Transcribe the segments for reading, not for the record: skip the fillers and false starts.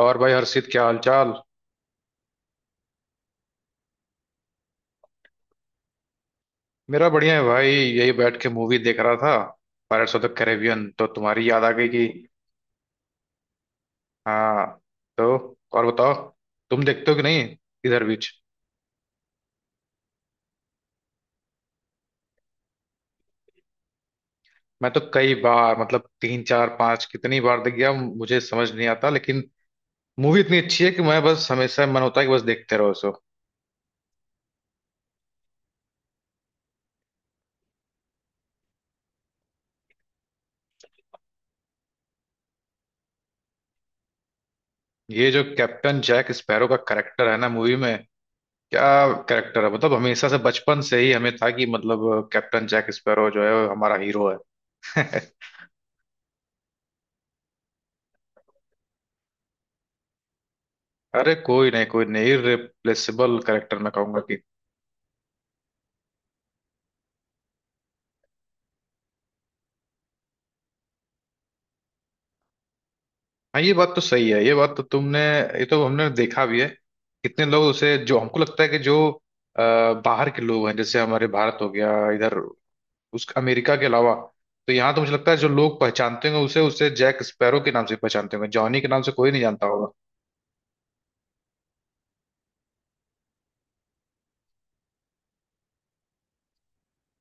और भाई हर्षित, क्या हाल चाल। मेरा बढ़िया है भाई, यही बैठ के मूवी देख रहा था पायरेट्स ऑफ द कैरेबियन, तो तुम्हारी याद आ गई कि। हाँ। तो और बताओ, तुम देखते हो कि नहीं इधर बीच। मैं तो कई बार, मतलब तीन चार पांच कितनी बार देख गया, मुझे समझ नहीं आता। लेकिन मूवी इतनी अच्छी है कि मैं बस, हमेशा मन होता है कि बस देखते रहो सो। ये जो कैप्टन जैक स्पैरो का करेक्टर है ना मूवी में, क्या करेक्टर है, मतलब हमेशा से बचपन से ही हमें था कि मतलब कैप्टन जैक स्पैरो जो है वो हमारा हीरो है। अरे कोई नहीं, कोई नहीं, इररिप्लेसेबल कैरेक्टर मैं कहूंगा कि। हाँ, ये बात तो सही है। ये बात तो तुमने, ये तो हमने देखा भी है। कितने लोग उसे, जो हमको लगता है कि जो बाहर के लोग हैं, जैसे हमारे भारत हो गया इधर, उस अमेरिका के अलावा। तो यहाँ तो मुझे लगता है जो लोग पहचानते होंगे उसे उसे जैक स्पैरो के नाम से पहचानते होंगे, जॉनी के नाम से कोई नहीं जानता होगा।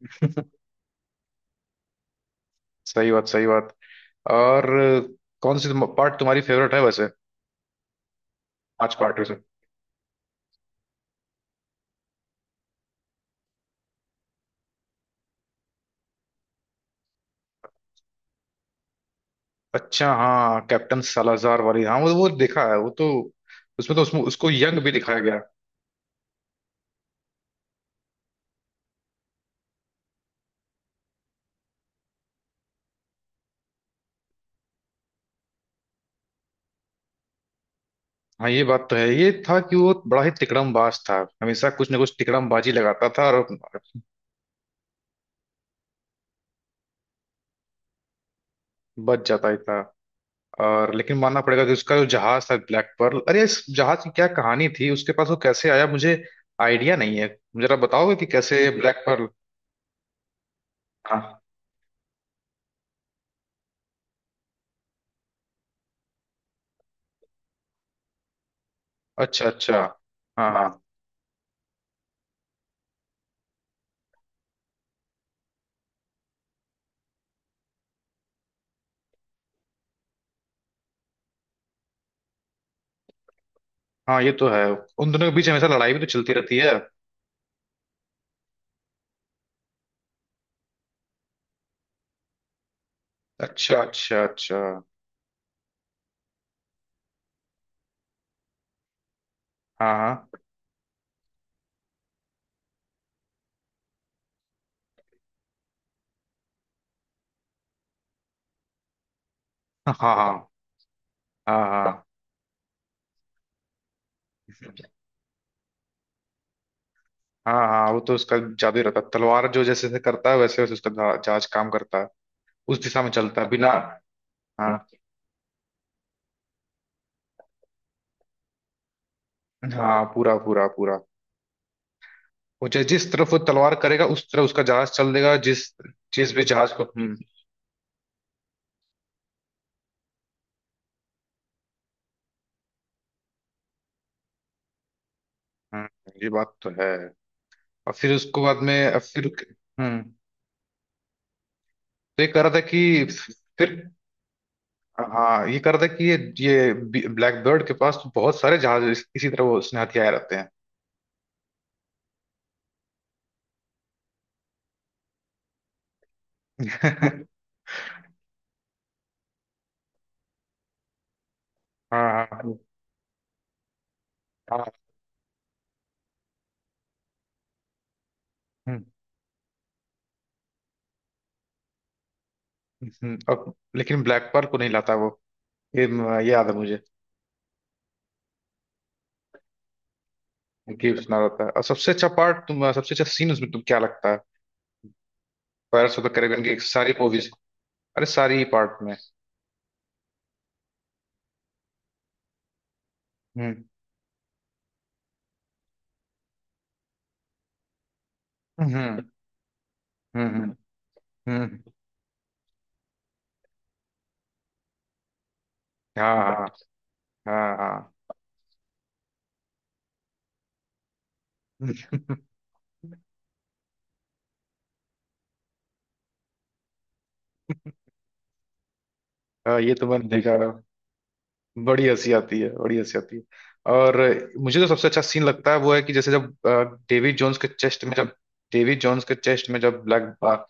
सही बात, सही बात। और कौन सी पार्ट तुम्हारी फेवरेट है वैसे, पांच पार्ट में से। अच्छा, हाँ, कैप्टन सालाजार वाली। हाँ, वो देखा है वो तो। उसमें तो उसमें उसको यंग भी दिखाया गया। हाँ, ये बात तो है। ये था कि वो बड़ा ही तिकड़मबाज था, हमेशा कुछ ना कुछ तिकड़मबाजी लगाता था, और बच जाता ही था। और लेकिन मानना पड़ेगा कि उसका जो जहाज था ब्लैक पर्ल, अरे इस जहाज की क्या कहानी थी, उसके पास वो कैसे आया, मुझे आइडिया नहीं है। जरा बताओगे कि कैसे ब्लैक पर्ल। हाँ। अच्छा, अच्छा। हाँ, हाँ, हाँ, ये तो है। उन दोनों के बीच हमेशा लड़ाई भी तो चलती रहती है। अच्छा, अच्छा, अच्छा। हाँ, हाँ, हाँ, हाँ, हाँ, हाँ, हाँ, हाँ, हाँ, वो तो उसका जादू ही रहता है। तलवार जो जैसे जैसे करता है वैसे वैसे उसका जहाज काम करता है, उस दिशा में चलता है बिना। हाँ, हाँ, पूरा पूरा पूरा। वो जिस तरफ वो तलवार करेगा उस तरफ उसका जहाज चल देगा, जिस जिस भी जहाज को। हम्म। हम्म, ये बात तो है। और फिर उसको बाद में फिर। हम्म। तो ये कह रहा था कि फिर, हाँ ये कह रहा था कि ये ब्लैक बर्ड के पास तो बहुत सारे जहाज इसी तरह वो उसने हथियाए रहते हैं। हाँ, हाँ, हाँ, हम्म। और लेकिन ब्लैक पर्ल को नहीं लाता वो। ये याद है मुझे, कि सुना रहता है। और सबसे अच्छा पार्ट तुम, सबसे अच्छा सीन उसमें तुम क्या लगता है, पायरेट्स ऑफ द कैरिबियन की सारी मूवीज। अरे सारी ही पार्ट में। हम्म, हम्म, हम्म, हम्म, हम्म, हाँ, हाँ, हाँ, हाँ। हाँ, ये तो मैंने देखा। बड़ी हंसी आती है, बड़ी हंसी आती है। और मुझे जो सबसे अच्छा सीन लगता है वो है कि जैसे जब डेविड जोन्स के चेस्ट में जब, डेविड जोन्स के चेस्ट में जब ब्लैक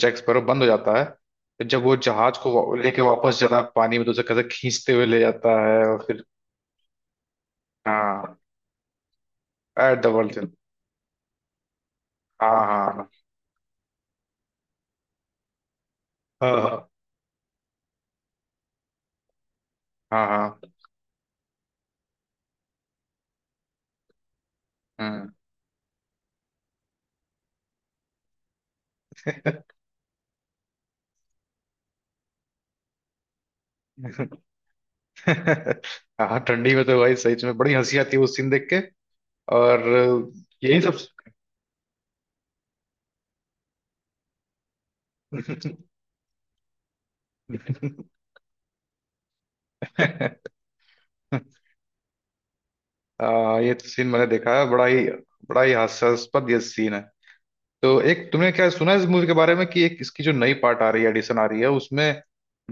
जैक स्पैरो बंद हो जाता है, तो जब वो जहाज को लेके वापस जाता है पानी में, तो उसे कैसे खींचते हुए ले जाता है, और फिर। हाँ, एट द वर्ल्ड। हाँ, हाँ, हाँ, हाँ, हाँ, हाँ, हम्म। हाँ, ठंडी में तो भाई सही में बड़ी हंसी आती है वो सीन देख के। और यही सब। ये सीन मैंने देखा है, बड़ा ही हास्यास्पद ये सीन है। तो एक तुमने क्या सुना है इस मूवी के बारे में कि एक इसकी जो नई पार्ट आ रही है, एडिशन आ रही है, उसमें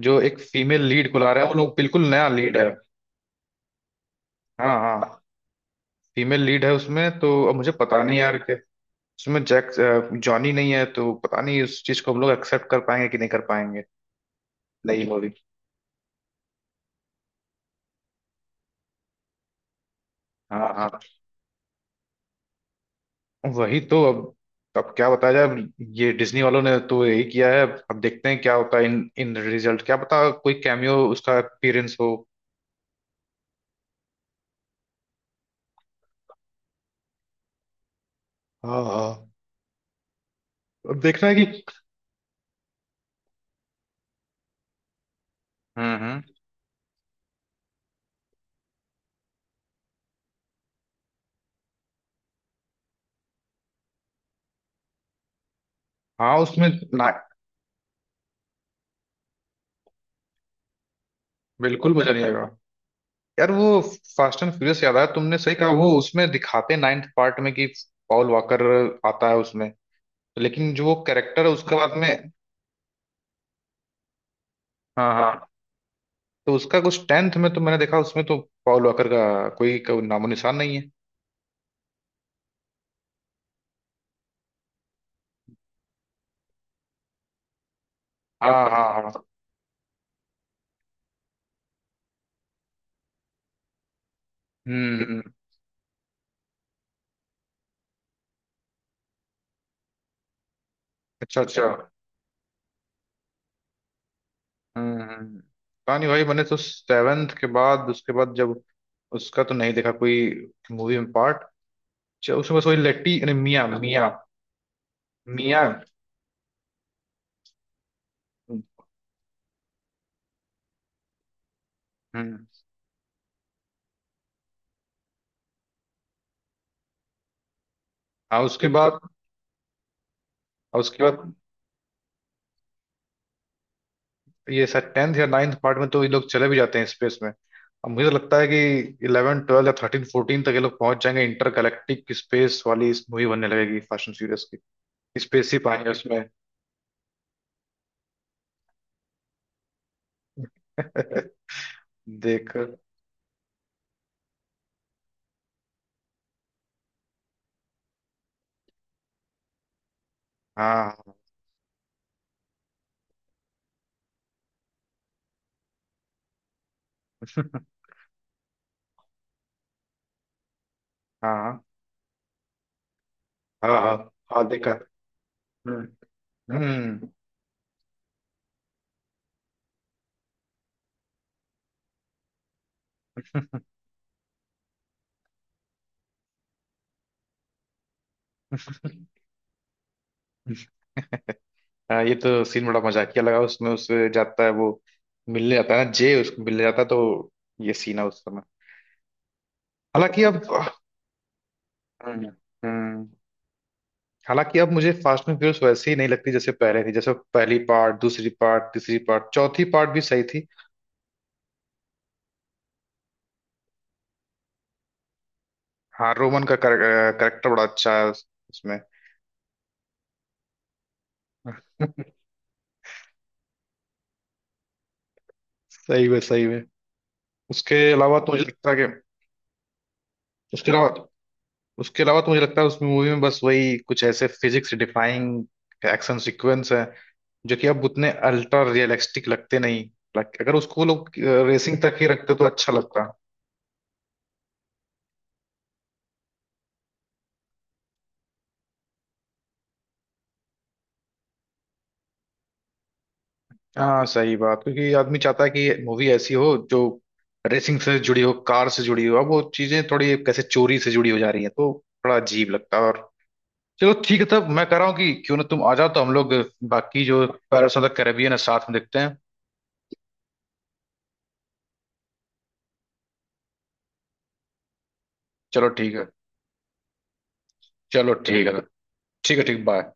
जो एक फीमेल लीड को ला रहा है वो लोग, बिल्कुल नया लीड है। हाँ, हाँ, फीमेल लीड है उसमें। तो अब मुझे पता नहीं यार कि उसमें जैक जॉनी नहीं है, तो पता नहीं उस चीज को हम लोग एक्सेप्ट कर पाएंगे कि नहीं कर पाएंगे। नई मूवी। हाँ, हाँ, वही तो अब क्या बताया जाए अब। ये डिज्नी वालों ने तो यही किया है। अब देखते हैं क्या होता है, इन इन रिजल्ट। क्या पता कोई कैमियो उसका अपीयरेंस हो। हाँ, हाँ, अब देखना है कि। हम्म, हम्म। हाँ, उसमें, ना, बिल्कुल मजा नहीं आएगा। यार वो फास्ट एंड फ्यूरियस याद आया, तुमने सही कहा। वो उसमें दिखाते नाइन्थ पार्ट में कि पॉल वॉकर आता है उसमें, लेकिन जो वो कैरेक्टर है उसका बाद में। हाँ, हाँ, तो उसका कुछ 10th में तो मैंने देखा, उसमें तो पॉल वॉकर का कोई, कोई नामो निशान नहीं है। हाँ, हाँ, हाँ, हम्म, अच्छा, अच्छा, हम्म, पता नहीं भाई, मैंने तो सेवेंथ के बाद उसके बाद जब उसका तो नहीं देखा कोई मूवी में पार्ट। उसमें बस वही लेट्टी, अरे मिया, मिया, मिया। हम्म। हाँ, उसके बाद। और उसके बाद, ये शायद 10th या नाइन्थ पार्ट में तो ये लोग चले भी जाते हैं स्पेस में। अब मुझे तो लगता है कि 11 12 या 13 14 तक ये लोग पहुंच जाएंगे, इंटरगैलेक्टिक स्पेस वाली इस मूवी बनने लगेगी फास्ट एंड फ्यूरियस की, स्पेसशिप आएंगे उसमें। देख। हाँ, हाँ, हाँ, हाँ, हाँ, देखा। हम्म, हम्म। हाँ, ये तो सीन बड़ा मजाकिया लगा उसमें, उससे जाता है वो, मिलने जाता है ना जे उसको मिलने जाता है, तो ये सीन है उस समय। हालांकि अब, हम्म, हम्म, हालांकि अब मुझे फास्ट एंड फ्यूरियस वैसे ही नहीं लगती जैसे पहले थी। जैसे पहली पार्ट, दूसरी पार्ट, तीसरी पार्ट, चौथी पार्ट भी सही थी। हाँ, रोमन का करेक्टर बड़ा अच्छा है उसमें। सही में, सही में। उसके अलावा तो मुझे लगता है कि, उसके अलावा, उसके अलावा तो मुझे लगता है उस मूवी में बस वही कुछ ऐसे फिजिक्स डिफाइंग एक्शन सीक्वेंस है, जो कि अब उतने अल्ट्रा रियलिस्टिक लगते नहीं। लाइक अगर उसको लोग रेसिंग तक ही रखते तो अच्छा लगता। हाँ, सही बात। क्योंकि आदमी चाहता है कि मूवी ऐसी हो जो रेसिंग से जुड़ी हो, कार से जुड़ी हो। अब वो चीजें थोड़ी कैसे चोरी से जुड़ी हो जा रही है, तो बड़ा अजीब लगता है। और चलो ठीक है तब, मैं कह रहा हूँ कि क्यों ना तुम आ जाओ तो हम लोग बाकी जो पैरस ऑफ द कैरेबियन है साथ में देखते हैं। चलो ठीक है। चलो ठीक है, ठीक है। ठीक, बाय।